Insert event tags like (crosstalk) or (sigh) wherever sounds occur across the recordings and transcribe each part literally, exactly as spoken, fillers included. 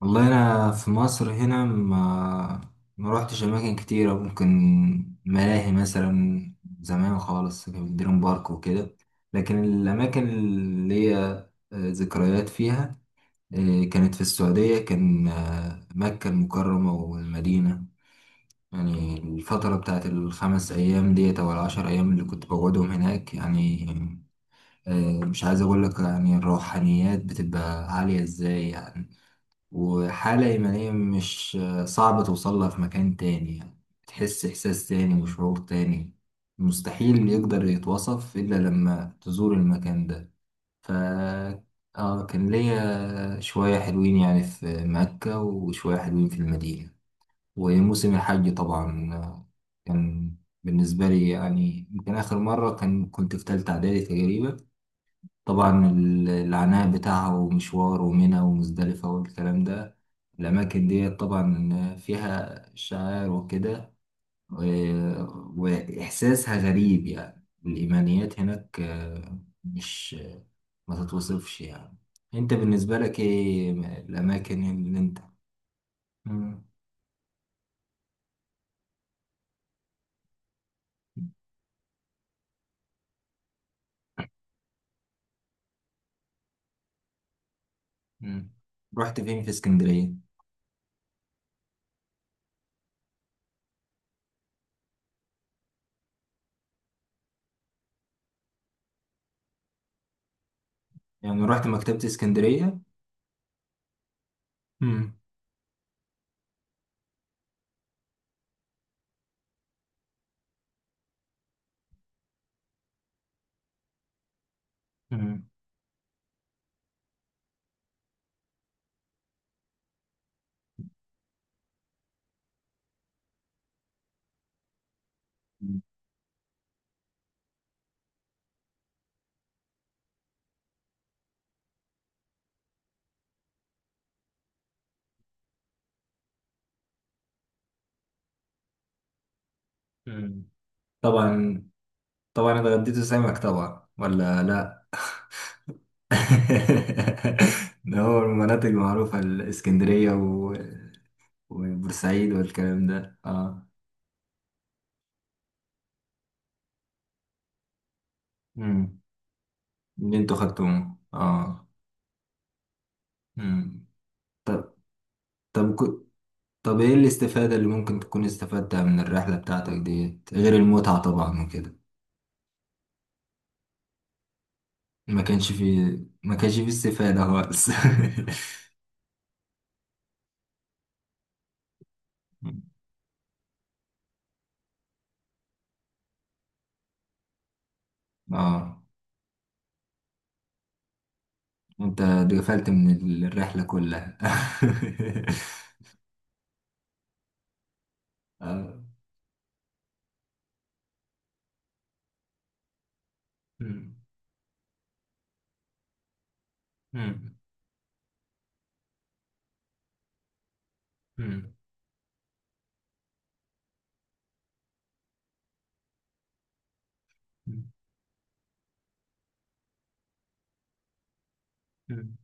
والله، انا في مصر هنا ما ما روحتش اماكن كتيره. ممكن ملاهي مثلا، زمان خالص كان في دريم بارك وكده. لكن الاماكن اللي هي آه، ذكريات فيها، آه، كانت في السعوديه. كان آه، مكه المكرمه والمدينه. يعني الفتره بتاعت الخمس ايام ديت او العشر ايام اللي كنت بقعدهم هناك يعني. آه، مش عايز اقول لك يعني الروحانيات بتبقى عاليه ازاي يعني. وحالة إيمانية، مش صعب توصلها في مكان تاني يعني. تحس إحساس تاني وشعور تاني. مستحيل يقدر يتوصف إلا لما تزور المكان ده. ف آه كان ليا شوية حلوين يعني في مكة وشوية حلوين في المدينة. وموسم الحج طبعا آه، كان بالنسبة لي يعني، يمكن آخر مرة كان كنت في تالتة إعدادي تقريبا. طبعا ال- العناء بتاعها ومشوار ومنى ومزدلفة والكلام ده، الأماكن دي طبعا فيها شعائر وكده. و- وإحساسها غريب، يعني الإيمانيات هناك آه، مش ما تتوصفش يعني. أنت بالنسبة لك إيه الأماكن اللي أنت؟ مم. مم. رحت فين في اسكندرية؟ يعني رحت مكتبة اسكندرية؟ مم. مم. مم. طبعا، طبعا اتغديت سمك طبعا ولا لا؟ (laughs) ده هو المناطق المعروفة، الإسكندرية و... وبورسعيد والكلام ده، اه. امم اللي انتوا خدتوه، اه. امم طب طب كو... طب ايه الاستفادة اللي ممكن تكون استفدتها من الرحلة بتاعتك ديت، غير المتعة طبعا وكده؟ ما كانش فيه ما كانش فيه استفادة خالص؟ (laughs) اه، انت اتغفلت من ال- الرحلة كلها. (laughs) اه. أمم. أمم. أمم. أمم.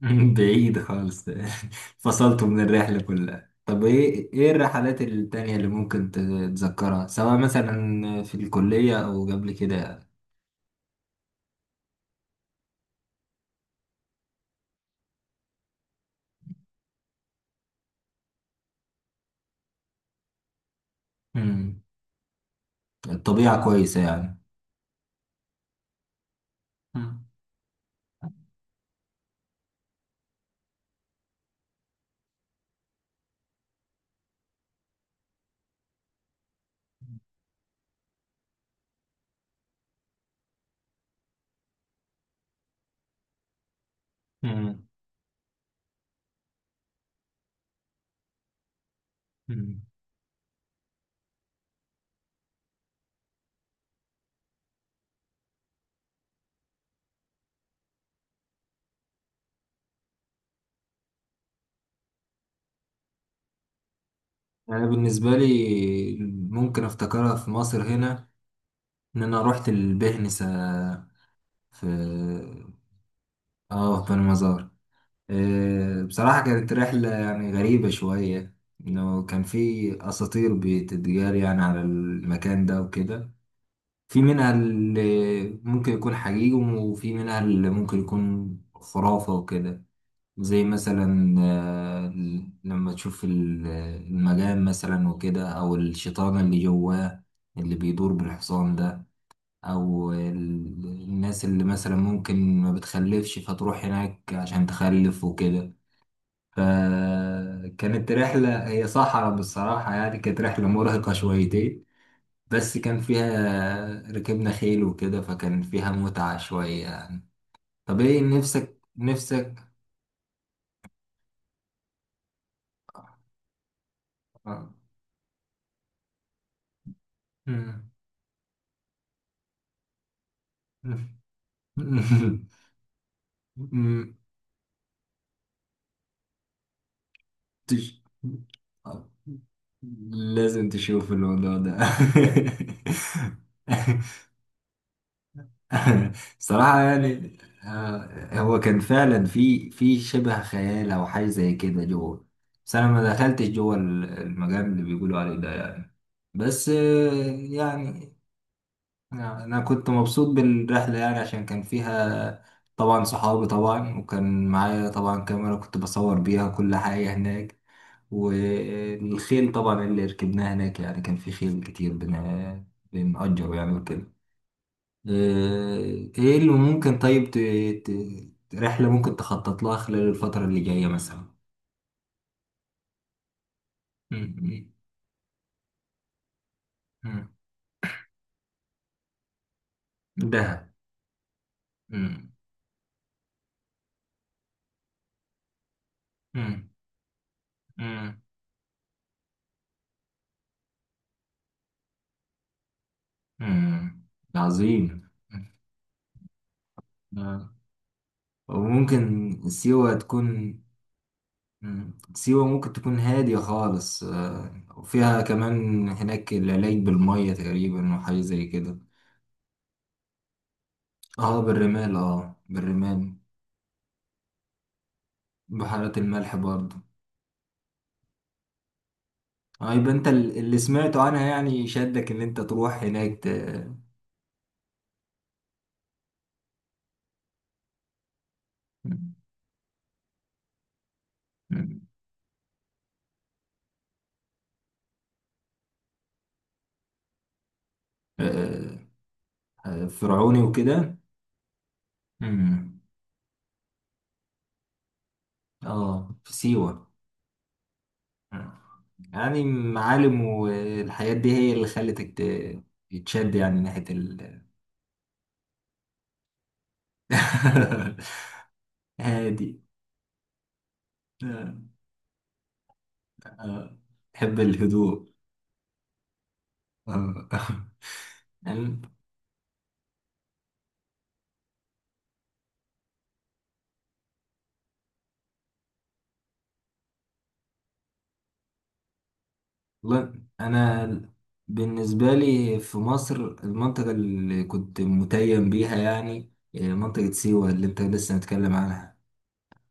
(laughs) بعيد خالص، فصلته (laughs) من الرحلة كلها. طب، ايه ايه الرحلات التانية اللي ممكن تتذكرها، سواء مثلا في الكلية او قبل كده؟ مم. الطبيعة كويسة يعني. مم. مم. مم. انا بالنسبة لي، ممكن افتكرها في مصر هنا ان انا رحت البهنسة في اه في بني مزار. آه، بصراحة كانت رحلة يعني غريبة شوية. إنه كان في أساطير بتتجار يعني على المكان ده وكده. في منها اللي ممكن يكون حقيقي، وفي منها اللي ممكن يكون خرافة وكده. زي مثلا آه، لما تشوف ال- المجان مثلا وكده، أو الشيطان اللي جواه اللي بيدور بالحصان ده، أو ال- الناس اللي مثلا ممكن ما بتخلفش فتروح هناك عشان تخلف وكده. فكانت رحلة، هي صحراء بالصراحة يعني، كانت رحلة مرهقة شويتين. بس كان فيها ركبنا خيل وكده، فكان فيها متعة شوية يعني. طب ايه نفسك، نفسك؟ (laughs) آه. مم. مم. مم. تش- لازم تشوف الموضوع ده. (laughs) (laughs) صراحة يعني. آه، هو كان فعلا في في شبه خيال أو حاجة زي كده جوه. بس أنا ما دخلتش جوه ال- المجال اللي بيقولوا عليه ده يعني. بس آه، يعني أنا أنا كنت مبسوط بالرحلة يعني، عشان كان فيها طبعا صحابي طبعا، وكان معايا طبعا كاميرا كنت بصور بيها كل حاجة هناك. والخيل طبعا اللي ركبناه هناك، يعني كان في خيل كتير بن- بنأجره يعني وكده. آه، ايه اللي ممكن، طيب ت... ت... رحلة ممكن تخطط لها خلال الفترة اللي جاية مثلا؟ مم. مم. دهب. مم. مم. مم. مم. عظيم. آه. وممكن سيوة تكون. مم. سيوة ممكن تكون هادية خالص، آه، وفيها كمان هناك العلاج بالمية تقريبا وحاجة زي كده. اه، بالرمال، اه بالرمال. بحيرات الملح برضه. اه، يبقى انت ال- اللي سمعته عنها يعني شدك ان انت تروح هناك ت... م- م- آه، آه، فرعوني وكده. مم. اه في سيوة. مم. يعني معالم والحاجات دي هي اللي خلتك ت- تشد يعني ناحية ال. (laughs) هادي. آه. آه. تحب الهدوء. آه. (laughs) والله، انا بالنسبه لي في مصر، المنطقه اللي كنت متيم بيها يعني منطقه سيوه اللي انت لسه متكلم عنها.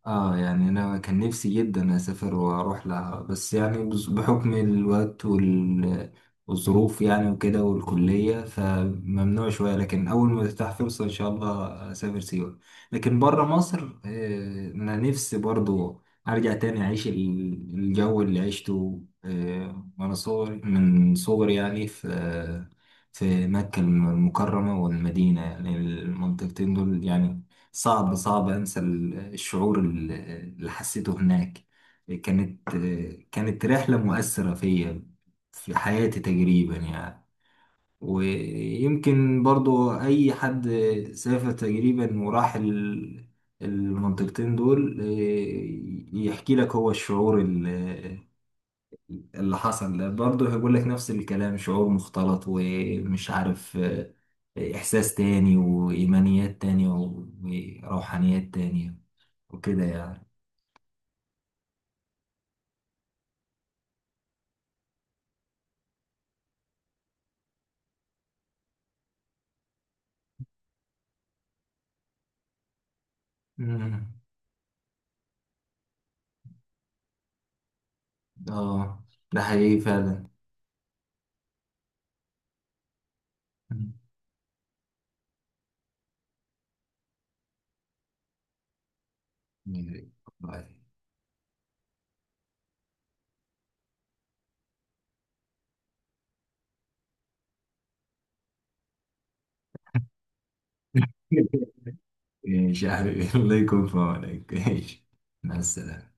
اه، يعني انا كان نفسي جدا اسافر واروح لها، بس يعني بز- بحكم الوقت وال- والظروف يعني وكده والكلية فممنوع شوية. لكن اول ما تفتح فرصة ان شاء الله اسافر سيوة. لكن بره مصر، آه، انا نفسي برضو ارجع تاني اعيش ال- الجو اللي عشته، آه، وانا صغري من صغري يعني في في مكة المكرمة والمدينة، يعني المنطقتين دول يعني. صعب صعب انسى ال- الشعور ال- اللي حسيته هناك. كانت كانت رحلة مؤثرة فيا، في حياتي تقريبا يعني. ويمكن برضو اي حد سافر تقريبا وراح ال- المنطقتين دول، إيه، يحكي لك هو الشعور اللي حصل ده، برضه هيقول لك نفس الكلام. شعور مختلط، ومش عارف، آه، إحساس تاني وإيمانيات تانية وروحانيات تانية وكده يعني. مم. اه، ده حقيقي فعلا. مم. (laughs) والله. ماشي يا حبيبي، الله يكون في عونك، ماشي، مع السلامة.